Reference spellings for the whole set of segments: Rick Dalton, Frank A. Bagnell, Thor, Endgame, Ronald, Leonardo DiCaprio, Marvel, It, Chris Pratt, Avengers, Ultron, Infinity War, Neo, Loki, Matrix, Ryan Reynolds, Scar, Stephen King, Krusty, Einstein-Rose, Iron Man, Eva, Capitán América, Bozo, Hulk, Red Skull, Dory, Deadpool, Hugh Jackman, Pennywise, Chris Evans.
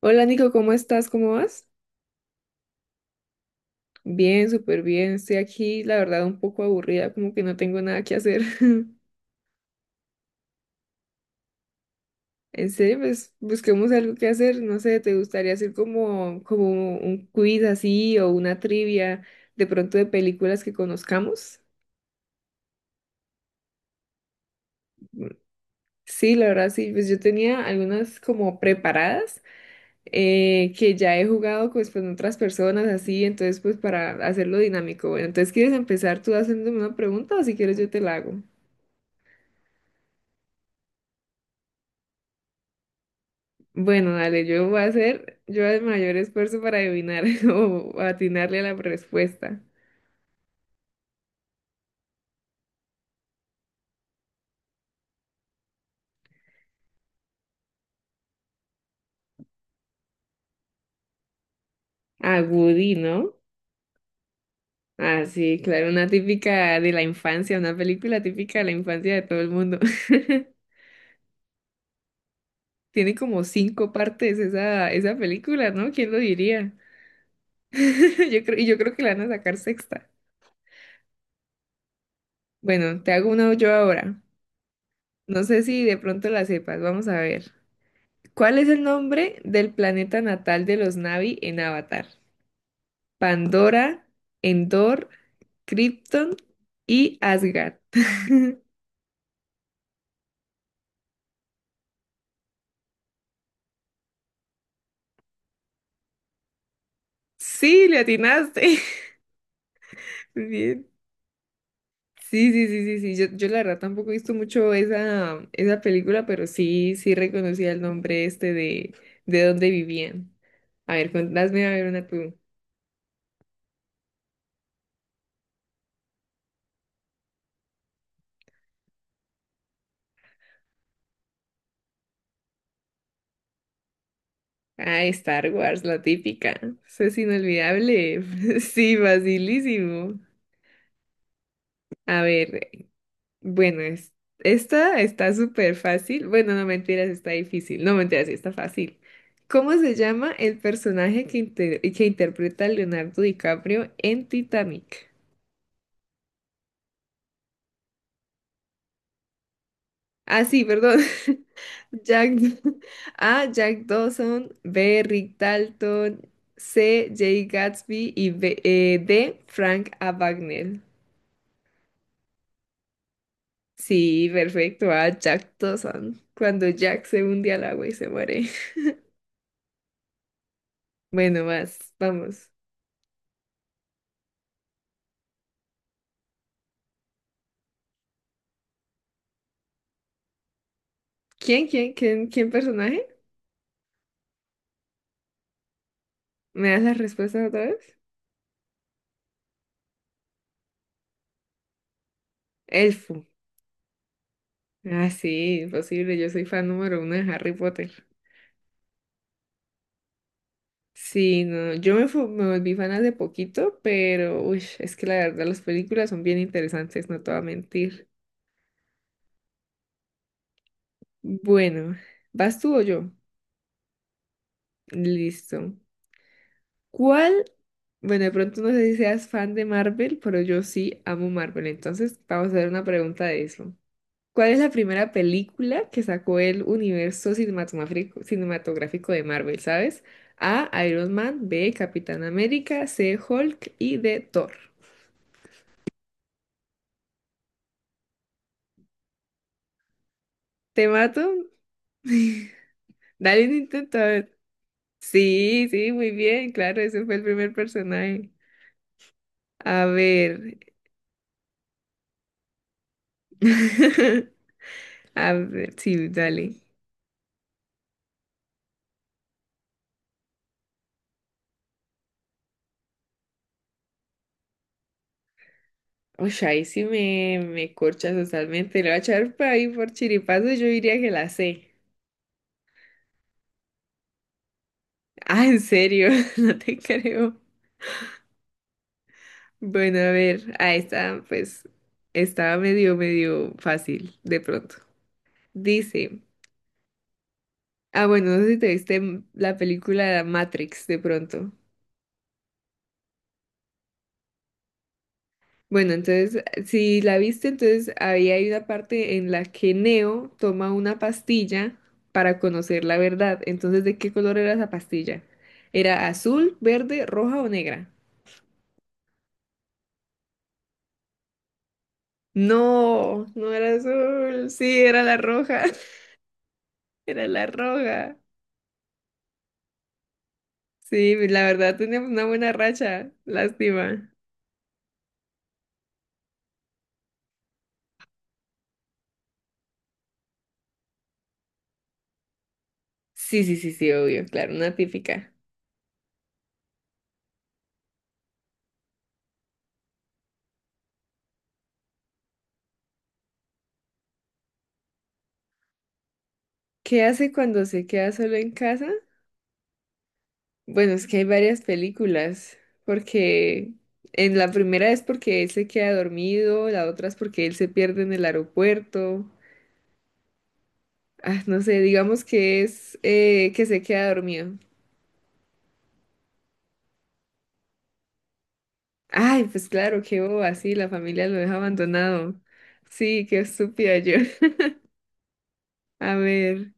Hola Nico, ¿cómo estás? ¿Cómo vas? Bien, súper bien. Estoy aquí, la verdad, un poco aburrida, como que no tengo nada que hacer. En serio, pues busquemos algo que hacer. No sé, ¿te gustaría hacer como un quiz así o una trivia de pronto de películas que conozcamos? Sí, la verdad, sí. Pues yo tenía algunas como preparadas que ya he jugado pues, con otras personas así, entonces pues para hacerlo dinámico. Bueno, entonces, ¿quieres empezar tú haciéndome una pregunta o si quieres yo te la hago? Bueno, dale, yo voy a hacer yo el mayor esfuerzo para adivinar o atinarle a la respuesta. A Woody, ¿no? Ah, sí, claro, una típica de la infancia, una película típica de la infancia de todo el mundo. Tiene como cinco partes esa película, ¿no? ¿Quién lo diría? Yo creo, y yo creo que la van a sacar sexta. Bueno, te hago una yo ahora. No sé si de pronto la sepas, vamos a ver. ¿Cuál es el nombre del planeta natal de los Na'vi en Avatar? Pandora, Endor, Krypton y Asgard. Sí, le atinaste. Muy bien. Sí, sí, sí, sí, sí. Yo la verdad tampoco he visto mucho esa película, pero sí, sí reconocía el nombre este de dónde vivían. A ver, contásme a ver una tú. Ah, Star Wars, la típica. Eso es inolvidable. Sí, facilísimo. A ver. Bueno, es, esta está súper fácil. Bueno, no mentiras, está difícil. No mentiras, sí está fácil. ¿Cómo se llama el personaje que interpreta Leonardo DiCaprio en Titanic? Ah, sí, perdón. Jack, A. Jack Dawson, B. Rick Dalton, C. Jay Gatsby y D. Frank A. Bagnell. Sí, perfecto. A. Jack Dawson. Cuando Jack se hunde al agua y se muere. Bueno, más, vamos. ¿Quién personaje? ¿Me das las respuestas otra vez? Elfo. Ah, sí, imposible. Yo soy fan número uno de Harry Potter. Sí, no, me volví fan hace poquito, pero uy, es que la verdad las películas son bien interesantes, no te voy a mentir. Bueno, ¿vas tú o yo? Listo. ¿Cuál? Bueno, de pronto no sé si seas fan de Marvel, pero yo sí amo Marvel, entonces vamos a hacer una pregunta de eso. ¿Cuál es la primera película que sacó el universo cinematográfico de Marvel, ¿sabes? A, Iron Man, B, Capitán América, C, Hulk y D, Thor. ¿Te mato? Dale un intento, a ver. Sí, sí, muy bien, claro, ese fue el primer personaje. A ver. A ver, sí, dale. Oye, ahí sí me corchas totalmente. Le voy a echar por ahí por chiripazo, yo diría que la sé. Ah, en serio, no te creo. Bueno, a ver, ahí está, pues estaba medio, medio fácil de pronto. Dice, ah, bueno, no sé si te viste la película Matrix de pronto. Bueno, entonces, si la viste, entonces había hay una parte en la que Neo toma una pastilla para conocer la verdad. Entonces, ¿de qué color era esa pastilla? ¿Era azul, verde, roja o negra? No, no era azul, sí, era la roja, era la roja. Sí, pues, la verdad, tenemos una buena racha. Lástima. Sí, sí, sí, sí, obvio, claro, una típica. ¿Qué hace cuando se queda solo en casa? Bueno, es que hay varias películas, porque en la primera es porque él se queda dormido, la otra es porque él se pierde en el aeropuerto. Ah, no sé, digamos que es que se queda dormido. Ay, pues claro, qué boba, sí, la familia lo deja abandonado. Sí, qué estúpida yo. A ver.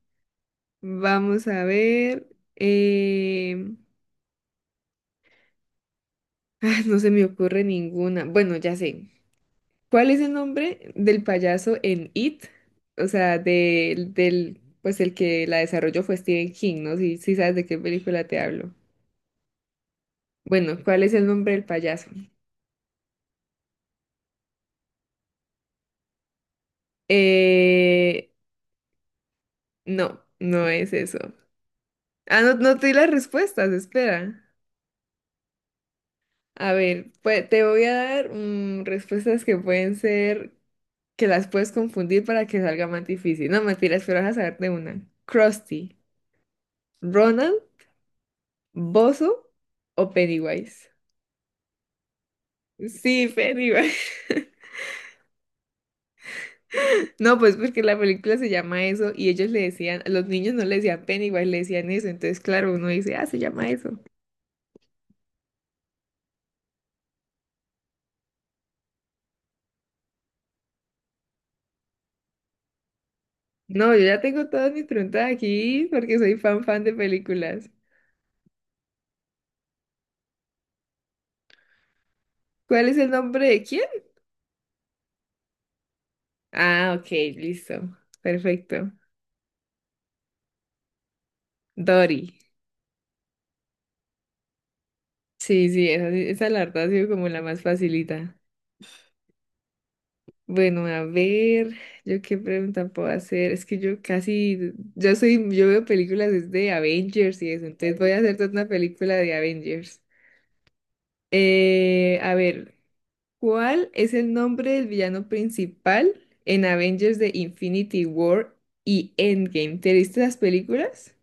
Vamos a ver. eh, ah, no se me ocurre ninguna. Bueno, ya sé. ¿Cuál es el nombre del payaso en It? O sea, pues el que la desarrolló fue Stephen King, ¿no? Si, si sabes de qué película te hablo. Bueno, ¿cuál es el nombre del payaso? Eh, no, no es eso. Ah, no, no te di las respuestas, espera. A ver, pues te voy a dar respuestas que pueden ser que las puedes confundir para que salga más difícil. No, mentiras, pero vas a saber de una. Krusty, Ronald, Bozo o Pennywise. Sí, Pennywise. No, pues porque la película se llama eso y ellos le decían, los niños no le decían Pennywise, le decían eso. Entonces, claro, uno dice, ah, se llama eso. No, yo ya tengo todas mis preguntas aquí porque soy fan fan de películas. ¿Cuál es el nombre de quién? Ah, ok, listo. Perfecto. Dory. Sí, sí, esa, esa la verdad ha sido como la más facilita. Bueno, a ver, yo qué pregunta puedo hacer. Es que yo casi, yo soy, yo veo películas desde Avengers y eso, entonces voy a hacer toda una película de Avengers. A ver, ¿cuál es el nombre del villano principal en Avengers de Infinity War y Endgame? ¿Te viste las películas?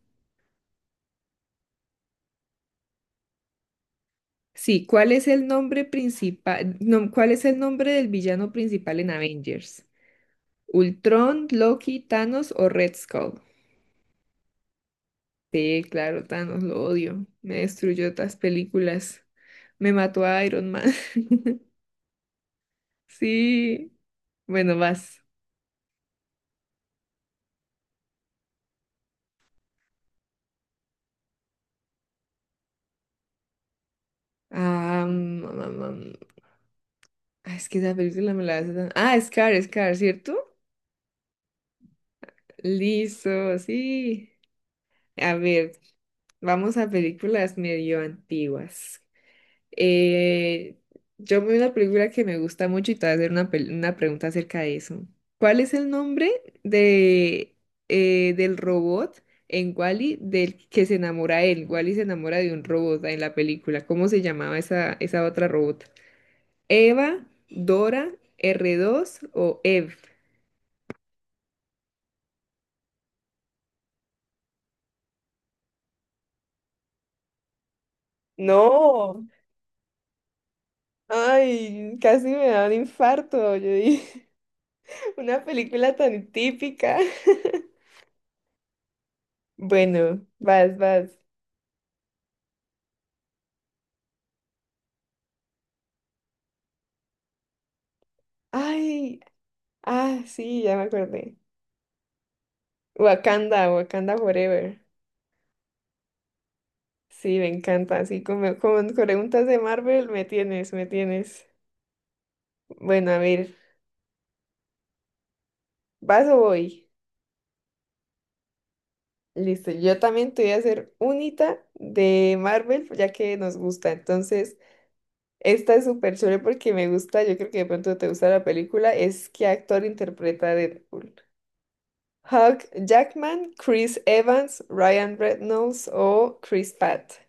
Sí, ¿cuál es el nombre principal, no, cuál es el nombre del villano principal en Avengers? ¿Ultron, Loki, Thanos o Red Skull? Sí, claro, Thanos, lo odio. Me destruyó otras películas. Me mató a Iron Man. Sí. Bueno, vas. Ah, mm, mm, mm. Ah, es que esa película me la hace tan... Ah, Scar, Scar, ¿cierto? Listo, sí. A ver, vamos a películas medio antiguas. Eh, yo vi una película que me gusta mucho y te voy a hacer una pregunta acerca de eso. ¿Cuál es el nombre de, del robot en Wall-E del que se enamora él? Wall-E se enamora de un robot en la película. ¿Cómo se llamaba esa otra robot? ¿Eva, Dora, R2 o Ev? No, ay, casi me da un infarto. Yo dije, una película tan típica. Bueno, vas, vas. Ay. Ah, sí, ya me acordé. Wakanda, Wakanda Forever. Sí, me encanta. Así como con preguntas de Marvel, me tienes, me tienes. Bueno, a ver, ¿vas o voy? Listo, yo también te voy a hacer unita de Marvel, ya que nos gusta. Entonces, esta es súper chévere porque me gusta, yo creo que de pronto te gusta la película, es qué actor interpreta a Deadpool. Hugh Jackman, Chris Evans, Ryan Reynolds o Chris Pratt.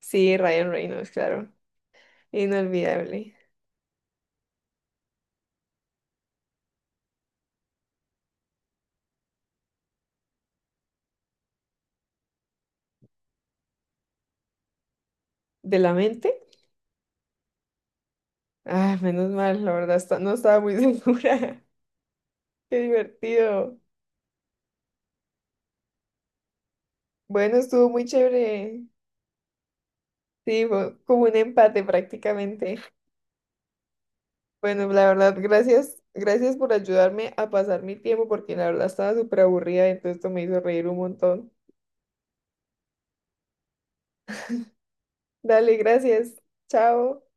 Sí, Ryan Reynolds, claro. Inolvidable. ¿De la mente? Ah, menos mal, la verdad, no estaba muy segura. Qué divertido. Bueno, estuvo muy chévere. Sí, fue como un empate prácticamente. Bueno, la verdad, gracias, gracias por ayudarme a pasar mi tiempo porque la verdad estaba súper aburrida, entonces esto me hizo reír un montón. Dale, gracias. Chao.